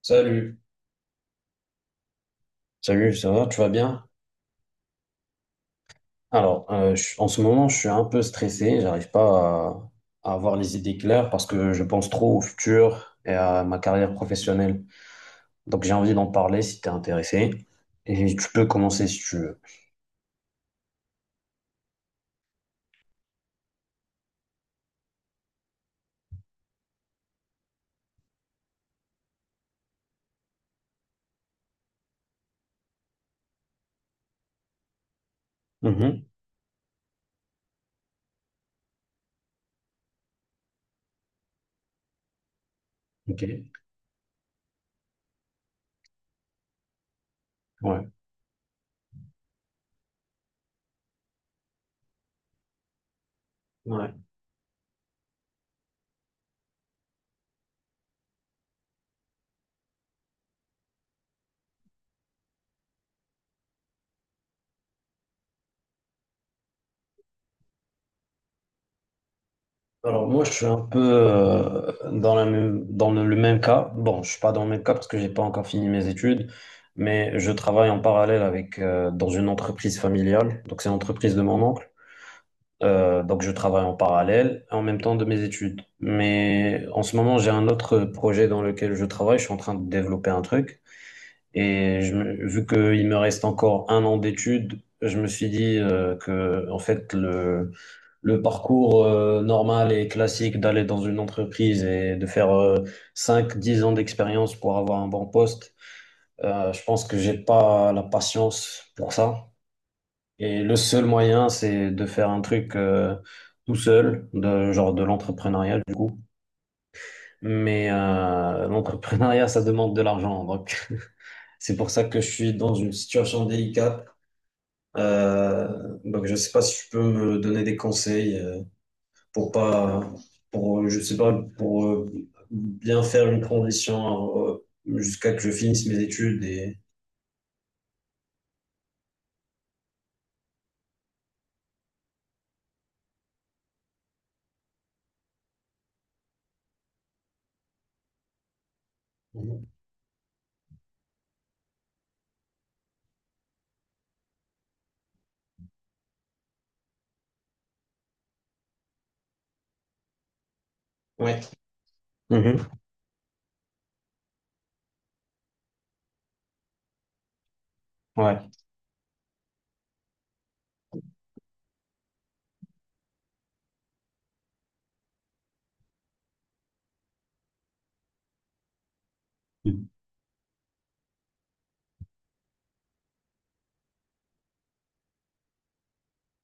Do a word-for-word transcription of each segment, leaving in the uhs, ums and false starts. Salut. Salut, ça va, tu vas bien? Alors, euh, je- en ce moment, je suis un peu stressé, j'arrive pas à, à avoir les idées claires parce que je pense trop au futur et à ma carrière professionnelle. Donc, j'ai envie d'en parler si tu es intéressé. Et tu peux commencer si tu veux. Mhm. Ok. Ouais. Ouais. Alors, moi, je suis un peu euh, dans la même, dans le, le même cas. Bon, je suis pas dans le même cas parce que j'ai pas encore fini mes études. Mais je travaille en parallèle avec euh, dans une entreprise familiale. Donc, c'est l'entreprise de mon oncle. Euh, donc je travaille en parallèle en même temps de mes études. Mais en ce moment, j'ai un autre projet dans lequel je travaille. Je suis en train de développer un truc. Et je me- vu qu'il me reste encore un an d'études, je me suis dit euh, que en fait le, le parcours euh, normal et classique d'aller dans une entreprise et de faire euh, cinq dix ans d'expérience pour avoir un bon poste, euh, je pense que j'ai pas la patience pour ça. Et le seul moyen, c'est de faire un truc euh, tout seul, de, genre de l'entrepreneuriat du coup. Mais euh, l'entrepreneuriat, ça demande de l'argent. Donc, c'est pour ça que je suis dans une situation délicate. Euh, donc, je sais pas si tu peux me donner des conseils euh, pour pas, pour, je sais pas, pour euh, bien faire une transition euh, jusqu'à que je finisse mes études et. Mhm. Ouais. Mhm. Ouais.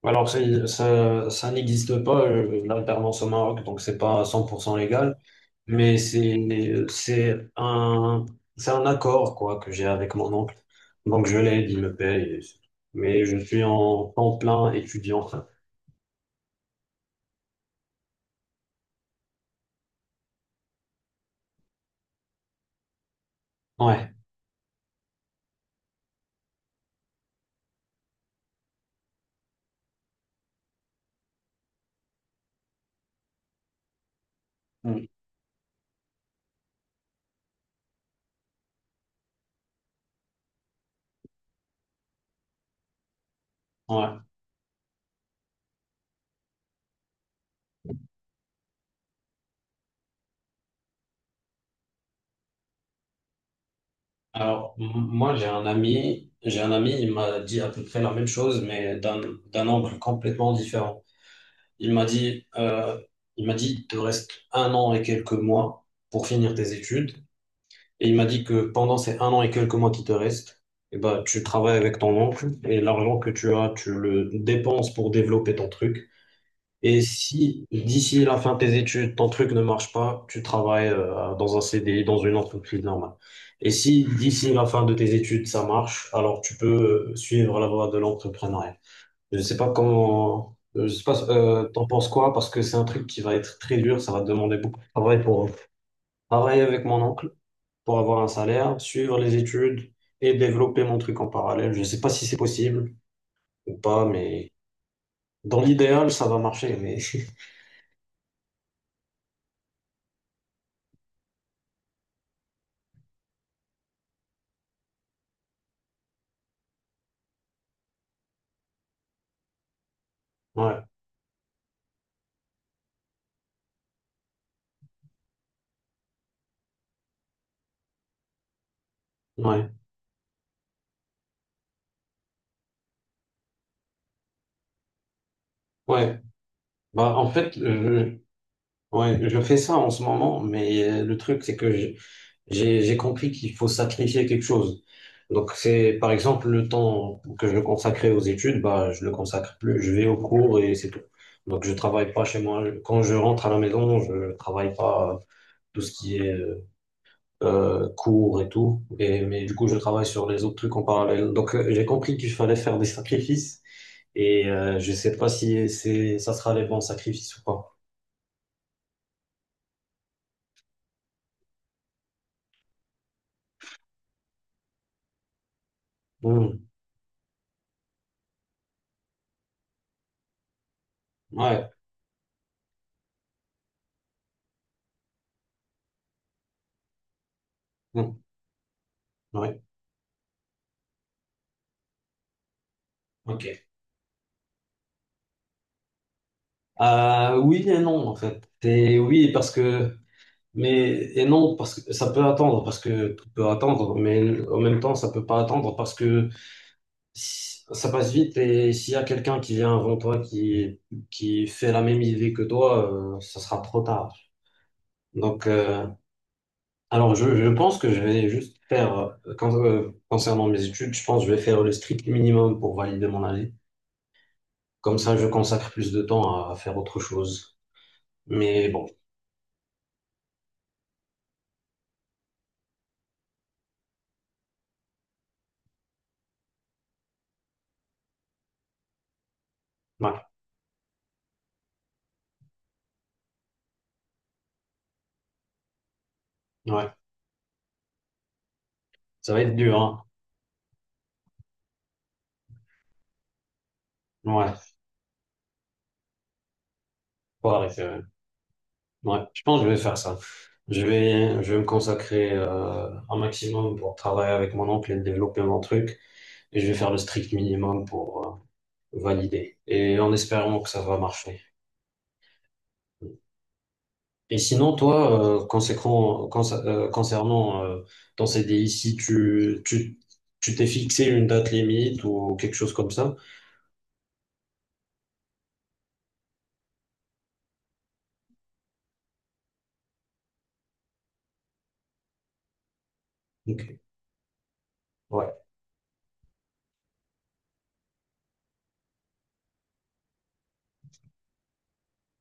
Alors, c'est- ça, ça n'existe pas, euh, l'alternance au Maroc, donc c'est pas cent pour cent légal, mais c'est, c'est un, c'est un accord, quoi, que j'ai avec mon oncle. Donc, je l'aide, il me paye, et c'est tout. Mais je suis en temps plein étudiant. Ouais. Mm. Ouais. Alors, m- moi, j'ai un ami, J'ai un ami, il m'a dit à peu près la même chose, mais d'un, d'un angle complètement différent. Il m'a dit, euh, il m'a dit, il te reste un an et quelques mois pour finir tes études. Et il m'a dit que pendant ces un an et quelques mois qui te restent, eh ben, tu travailles avec ton oncle et l'argent que tu as, tu le dépenses pour développer ton truc. Et si d'ici la fin de tes études, ton truc ne marche pas, tu travailles euh, dans un C D I, dans une entreprise normale. Et si d'ici la fin de tes études, ça marche, alors tu peux euh, suivre la voie de l'entrepreneuriat. Je ne sais pas comment, euh, je sais pas, euh, t'en penses quoi, parce que c'est un truc qui va être très dur, ça va te demander beaucoup de travail pour travailler avec mon oncle pour avoir un salaire, suivre les études et développer mon truc en parallèle. Je ne sais pas si c'est possible ou pas, mais dans l'idéal, ça va marcher. Mais ouais, ouais, ouais. Bah, en fait, euh, ouais, je fais ça en ce moment, mais euh, le truc, c'est que j'ai j'ai j'ai compris qu'il faut sacrifier quelque chose. Donc, c'est par exemple le temps que je consacrais aux études, bah, je le consacre plus, je vais au cours et c'est tout. Donc, je travaille pas chez moi. Quand je rentre à la maison, je travaille pas tout ce qui est euh, euh, cours et tout. Et, mais du coup, je travaille sur les autres trucs en parallèle. Donc, euh, j'ai compris qu'il fallait faire des sacrifices. Et euh, je sais pas si c'est, ça sera les bons sacrifices ou pas. Hmm. Ouais. Hmm. Ouais. Ok. Euh, oui et non, en fait. Et oui, parce que… Mais, et non, parce que ça peut attendre, parce que tout peut attendre, mais en même temps, ça peut pas attendre, parce que si- ça passe vite, et s'il y a quelqu'un qui vient avant toi, qui, qui fait la même idée que toi, euh, ça sera trop tard. Donc, euh, alors je, je pense que je vais juste faire, euh, quand- euh, concernant mes études, je pense que je vais faire le strict minimum pour valider mon année. Comme ça, je consacre plus de temps à, à faire autre chose. Mais bon, ouais, ouais, ça va être dur, hein. Ouais, faut arrêter, ouais. Ouais, je pense que je vais faire ça. Je vais, je vais me consacrer euh, un maximum pour travailler avec mon oncle et développer mon truc. Et je vais faire le strict minimum pour euh, valider. Et en espérant que ça va marcher. Et sinon, toi, euh, conséquent- consa- euh, concernant euh, ton C D I, si tu, tu, tu t'es fixé une date limite ou quelque chose comme ça, Ok. Ouais,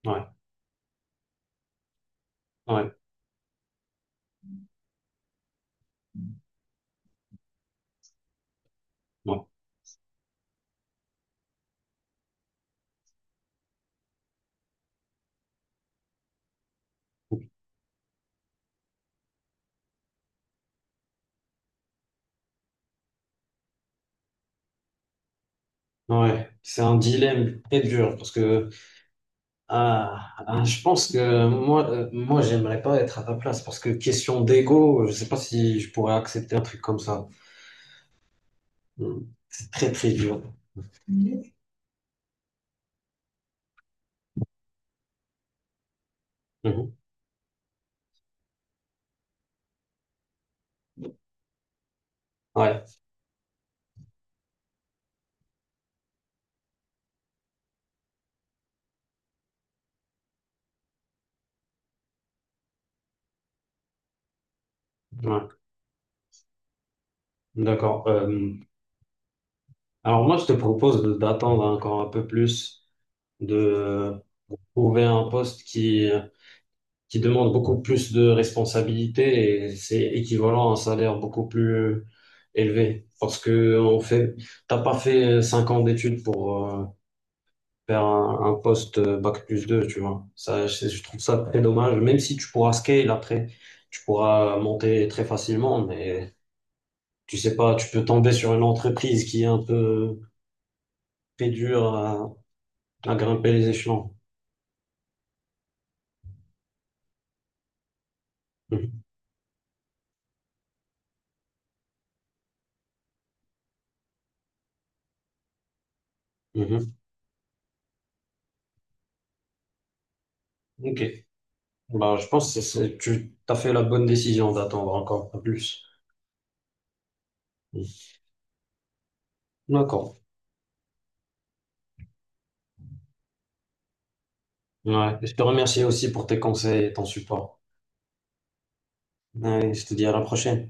ouais, ouais, ouais, ouais. C'est un dilemme très dur parce que Ah, ah, je pense que moi, euh, moi, j'aimerais pas être à ta place parce que question d'ego, je sais pas si je pourrais accepter un truc comme ça. Hmm. C'est très très dur. Mhm. Ouais, ouais, d'accord. Euh, alors moi, je te propose de- d'attendre encore un peu plus, de euh, trouver un poste qui euh, qui demande beaucoup plus de responsabilités et c'est équivalent à un salaire beaucoup plus euh, élevé parce que on fait, t'as pas fait euh, cinq ans d'études pour euh, faire un, un poste euh, bac plus deux tu vois. Ça, je, je trouve ça très dommage, même si tu pourras scale après, tu pourras monter très facilement, mais tu sais pas, tu peux tomber sur une entreprise qui est un peu très dure à, à grimper les échelons. Mhm. Mhm. Ok. Bah, je pense que c'est, tu as fait la bonne décision d'attendre encore un peu plus. Mhm. D'accord. Ouais. Je te remercie aussi pour tes conseils et ton support. Ouais, je te dis à la prochaine.